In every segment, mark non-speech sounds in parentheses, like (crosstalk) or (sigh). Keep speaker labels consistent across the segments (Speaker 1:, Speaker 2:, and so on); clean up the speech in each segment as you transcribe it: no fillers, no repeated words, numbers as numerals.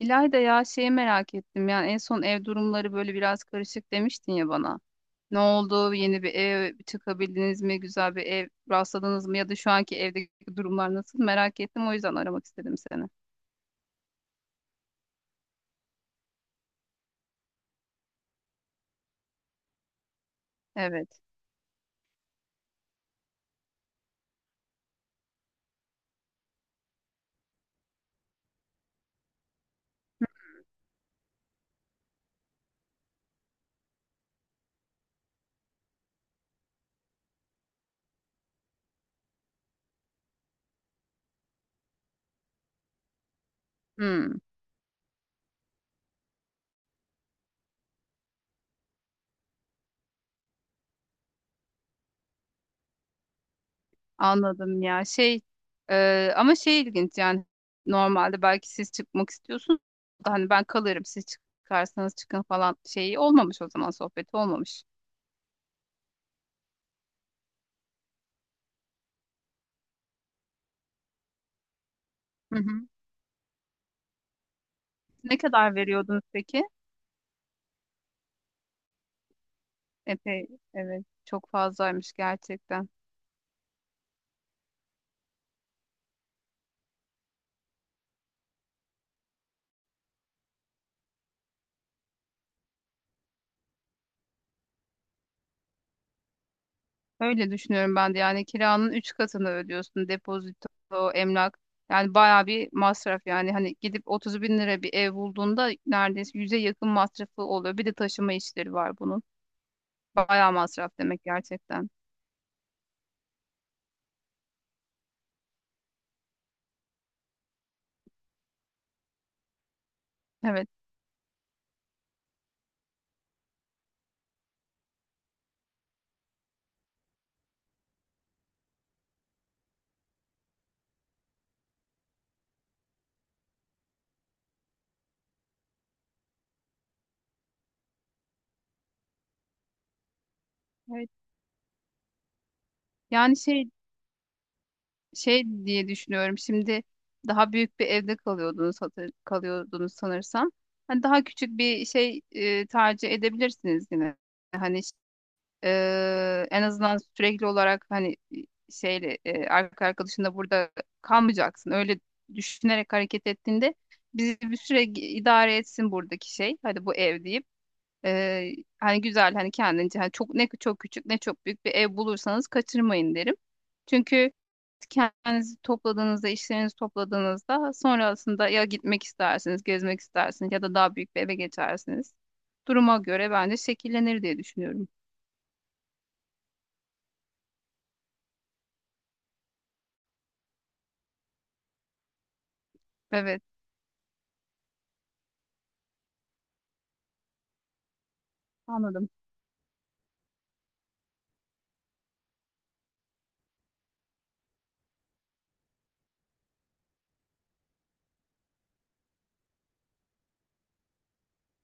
Speaker 1: İlayda, ya şeyi merak ettim yani en son ev durumları böyle biraz karışık demiştin ya bana. Ne oldu? Yeni bir ev çıkabildiniz mi? Güzel bir ev rastladınız mı? Ya da şu anki evdeki durumlar nasıl? Merak ettim, o yüzden aramak istedim seni. Evet. Hmm, anladım. Ya şey, ama şey ilginç yani, normalde belki siz çıkmak istiyorsunuz da hani ben kalırım, siz çıkarsanız çıkın falan şeyi olmamış o zaman, sohbeti olmamış. Hı hı. Ne kadar veriyordunuz peki? Epey. Evet, çok fazlaymış gerçekten. Öyle düşünüyorum ben de yani, kiranın 3 katını ödüyorsun, depozito, emlak. Yani bayağı bir masraf yani, hani gidip 30 bin lira bir ev bulduğunda neredeyse yüze yakın masrafı oluyor. Bir de taşıma işleri var bunun. Bayağı masraf demek gerçekten. Evet. Evet. Yani şey diye düşünüyorum. Şimdi daha büyük bir evde kalıyordunuz, kalıyordunuz sanırsam. Hani daha küçük bir şey tercih edebilirsiniz yine. Hani en azından sürekli olarak hani şeyle arkadaşında burada kalmayacaksın. Öyle düşünerek hareket ettiğinde bizi bir süre idare etsin buradaki şey. Hadi bu ev deyip hani güzel, hani kendince, hani çok, ne çok küçük ne çok büyük bir ev bulursanız kaçırmayın derim. Çünkü kendinizi topladığınızda, işlerinizi topladığınızda sonrasında ya gitmek istersiniz, gezmek istersiniz ya da daha büyük bir eve geçersiniz. Duruma göre bence şekillenir diye düşünüyorum. Evet. Anladım.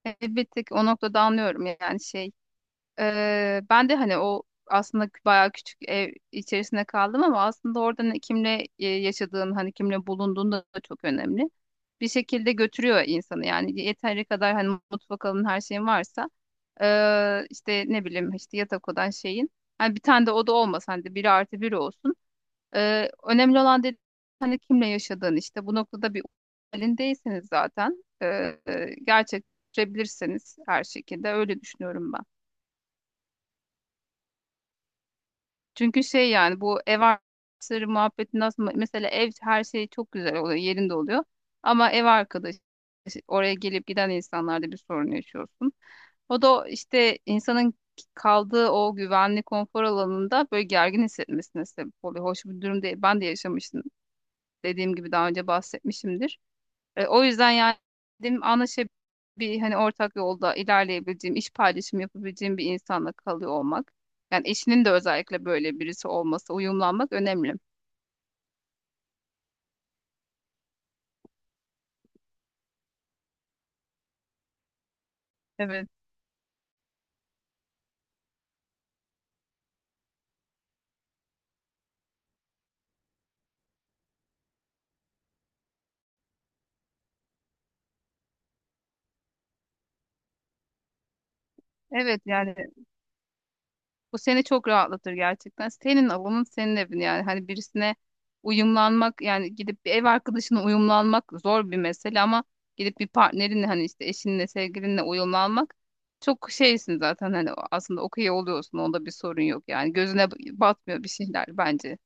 Speaker 1: Bir tık o noktada anlıyorum yani şey. Ben de hani o aslında bayağı küçük ev içerisinde kaldım, ama aslında orada kimle yaşadığın, hani kimle bulunduğun da çok önemli. Bir şekilde götürüyor insanı yani, yeteri kadar hani mutfak alın her şeyin varsa işte ne bileyim, işte yatak odan şeyin. Hani bir tane de oda olmasa hani, de biri artı biri olsun. Önemli olan dedi hani kimle yaşadığın, işte bu noktada bir halindeyseniz zaten gerçekleştirebilirseniz her şekilde, öyle düşünüyorum ben. Çünkü şey yani, bu ev arkadaşları muhabbeti nasıl, mesela ev her şey çok güzel oluyor, yerinde oluyor ama ev arkadaşı işte, oraya gelip giden insanlarda bir sorun yaşıyorsun. O da işte insanın kaldığı o güvenli konfor alanında böyle gergin hissetmesine sebep oluyor. Hoş bir durum değil. Ben de yaşamıştım. Dediğim gibi daha önce bahsetmişimdir. E, o yüzden yani dedim, anlaşabildiğim bir, hani ortak yolda ilerleyebileceğim, iş paylaşımı yapabileceğim bir insanla kalıyor olmak. Yani eşinin de özellikle böyle birisi olması, uyumlanmak önemli. Evet. Evet yani, bu seni çok rahatlatır gerçekten. Senin alanın, senin evin yani. Hani birisine uyumlanmak yani, gidip bir ev arkadaşına uyumlanmak zor bir mesele, ama gidip bir partnerinle, hani işte eşinle, sevgilinle uyumlanmak çok şeysin zaten, hani aslında okey oluyorsun. Onda bir sorun yok yani. Gözüne batmıyor bir şeyler bence.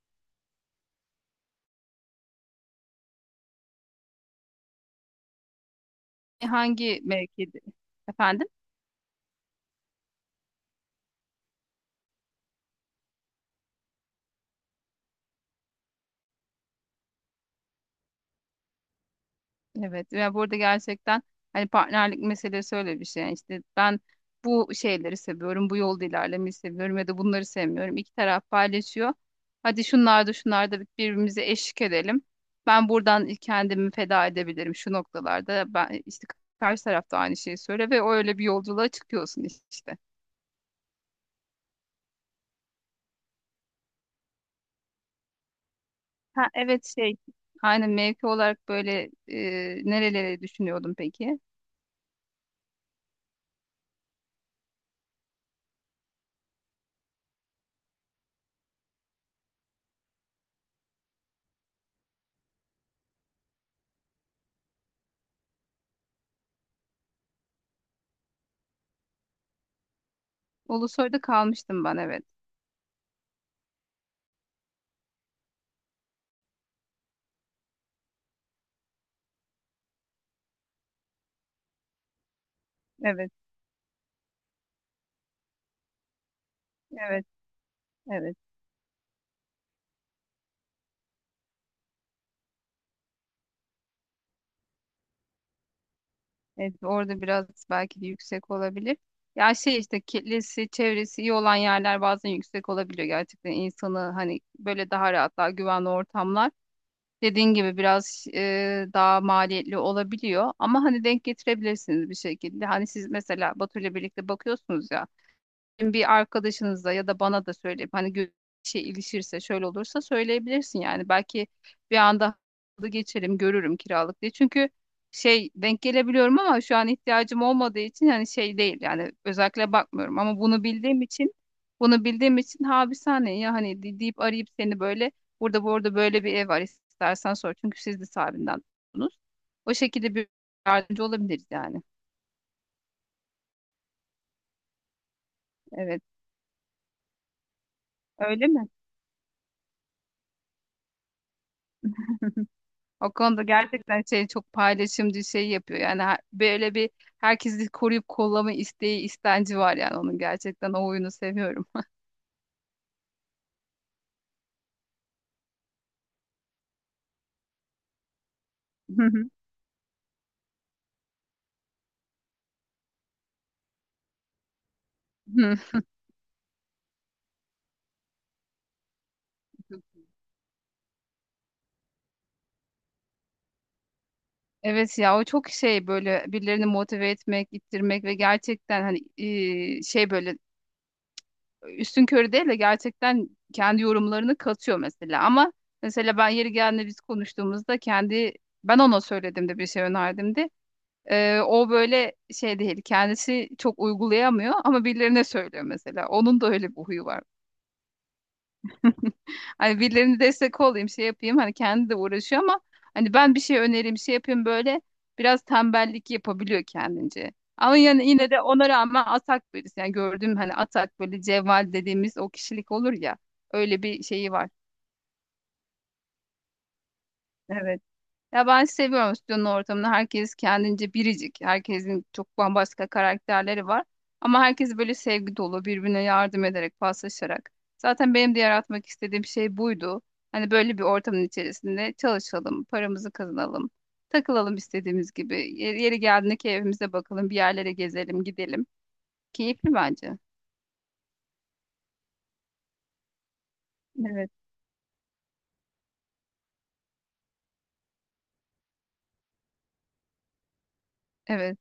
Speaker 1: Hangi mevkide? Efendim? Evet, ve burada gerçekten hani partnerlik meselesi öyle bir şey. Yani işte ben bu şeyleri seviyorum, bu yolda ilerlemeyi seviyorum, ya da bunları sevmiyorum. İki taraf paylaşıyor. Hadi şunlarda şunlarda şunlar da birbirimize eşlik edelim. Ben buradan kendimi feda edebilirim şu noktalarda. Ben işte karşı taraf da aynı şeyi söyle ve öyle bir yolculuğa çıkıyorsun işte. Ha evet, şey. Aynen mevki olarak böyle nerelere düşünüyordum peki? Ulusoy'da kalmıştım ben, evet. Evet, evet, evet. Evet, orada biraz belki de yüksek olabilir. Ya şey, işte kitlesi, çevresi iyi olan yerler bazen yüksek olabiliyor gerçekten. İnsanı hani böyle daha rahat, daha güvenli ortamlar. Dediğin gibi biraz daha maliyetli olabiliyor. Ama hani denk getirebilirsiniz bir şekilde. Hani siz mesela Batu ile birlikte bakıyorsunuz ya, bir arkadaşınıza ya da bana da söyleyip hani şey ilişirse, şöyle olursa söyleyebilirsin yani. Belki bir anda halı geçerim, görürüm kiralık diye. Çünkü şey denk gelebiliyorum, ama şu an ihtiyacım olmadığı için hani şey değil yani, özellikle bakmıyorum, ama bunu bildiğim için ha bir saniye ya hani deyip arayıp seni böyle, burada bu arada böyle bir ev var istersen sor, çünkü siz de sahibinden tuttunuz. O şekilde bir yardımcı olabiliriz yani. Evet. Öyle mi? O konuda gerçekten şey çok paylaşımcı, şey yapıyor. Yani böyle bir herkesi koruyup kollama isteği, istenci var yani onun, gerçekten o oyunu seviyorum. (laughs) Evet, ya o çok şey, böyle birilerini motive etmek, ittirmek ve gerçekten hani şey böyle üstün körü değil de gerçekten kendi yorumlarını katıyor mesela. Ama mesela ben yeri geldiğinde biz konuştuğumuzda kendi, ben ona söyledim de bir şey önerdim. O böyle şey değil, kendisi çok uygulayamıyor ama birilerine söylüyor mesela. Onun da öyle bir huyu var. Hani birilerine destek olayım, şey yapayım, hani kendi de uğraşıyor, ama hani ben bir şey önereyim, şey yapayım, böyle biraz tembellik yapabiliyor kendince. Ama yani yine de ona rağmen atak birisi. Yani gördüğüm hani atak, böyle cevval dediğimiz o kişilik olur ya, öyle bir şeyi var. Evet. Ya ben seviyorum stüdyonun ortamını. Herkes kendince biricik. Herkesin çok bambaşka karakterleri var. Ama herkes böyle sevgi dolu, birbirine yardım ederek, paslaşarak. Zaten benim de yaratmak istediğim şey buydu. Hani böyle bir ortamın içerisinde çalışalım, paramızı kazanalım, takılalım istediğimiz gibi. Yeri geldiğinde keyfimize bakalım, bir yerlere gezelim, gidelim. Keyifli bence. Evet, evet,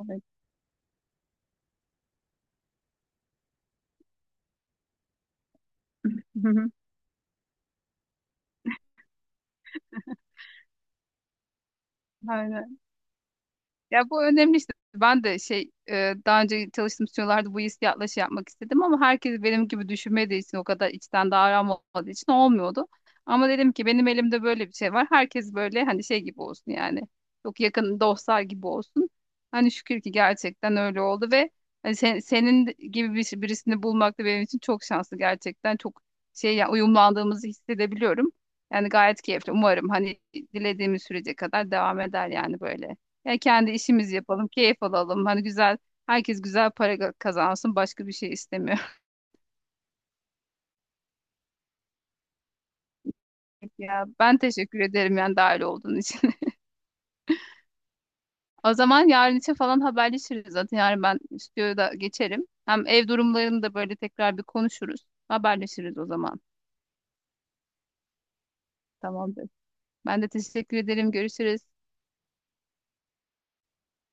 Speaker 1: evet. (laughs) Aynen. Ya bu önemli işte. Ben de şey daha önce çalıştığım stüdyolarda bu hissiyatla şey yapmak istedim, ama herkes benim gibi düşünmediği için, o kadar içten davranmadığı olmadığı için olmuyordu. Ama dedim ki benim elimde böyle bir şey var. Herkes böyle hani şey gibi olsun yani. Çok yakın dostlar gibi olsun. Hani şükür ki gerçekten öyle oldu ve hani senin gibi bir, şey, birisini bulmak da benim için çok şanslı gerçekten. Çok şey ya, uyumlandığımızı hissedebiliyorum. Yani gayet keyifli. Umarım hani dilediğimiz sürece kadar devam eder yani böyle. Ya kendi işimizi yapalım, keyif alalım. Hani güzel, herkes güzel para kazansın. Başka bir şey istemiyor. (laughs) Ya ben teşekkür ederim yani dahil olduğun için. (laughs) O zaman yarın için falan haberleşiriz zaten. Yarın ben stüdyoya da geçerim. Hem ev durumlarını da böyle tekrar bir konuşuruz. Haberleşiriz o zaman. Tamamdır. Ben de teşekkür ederim. Görüşürüz.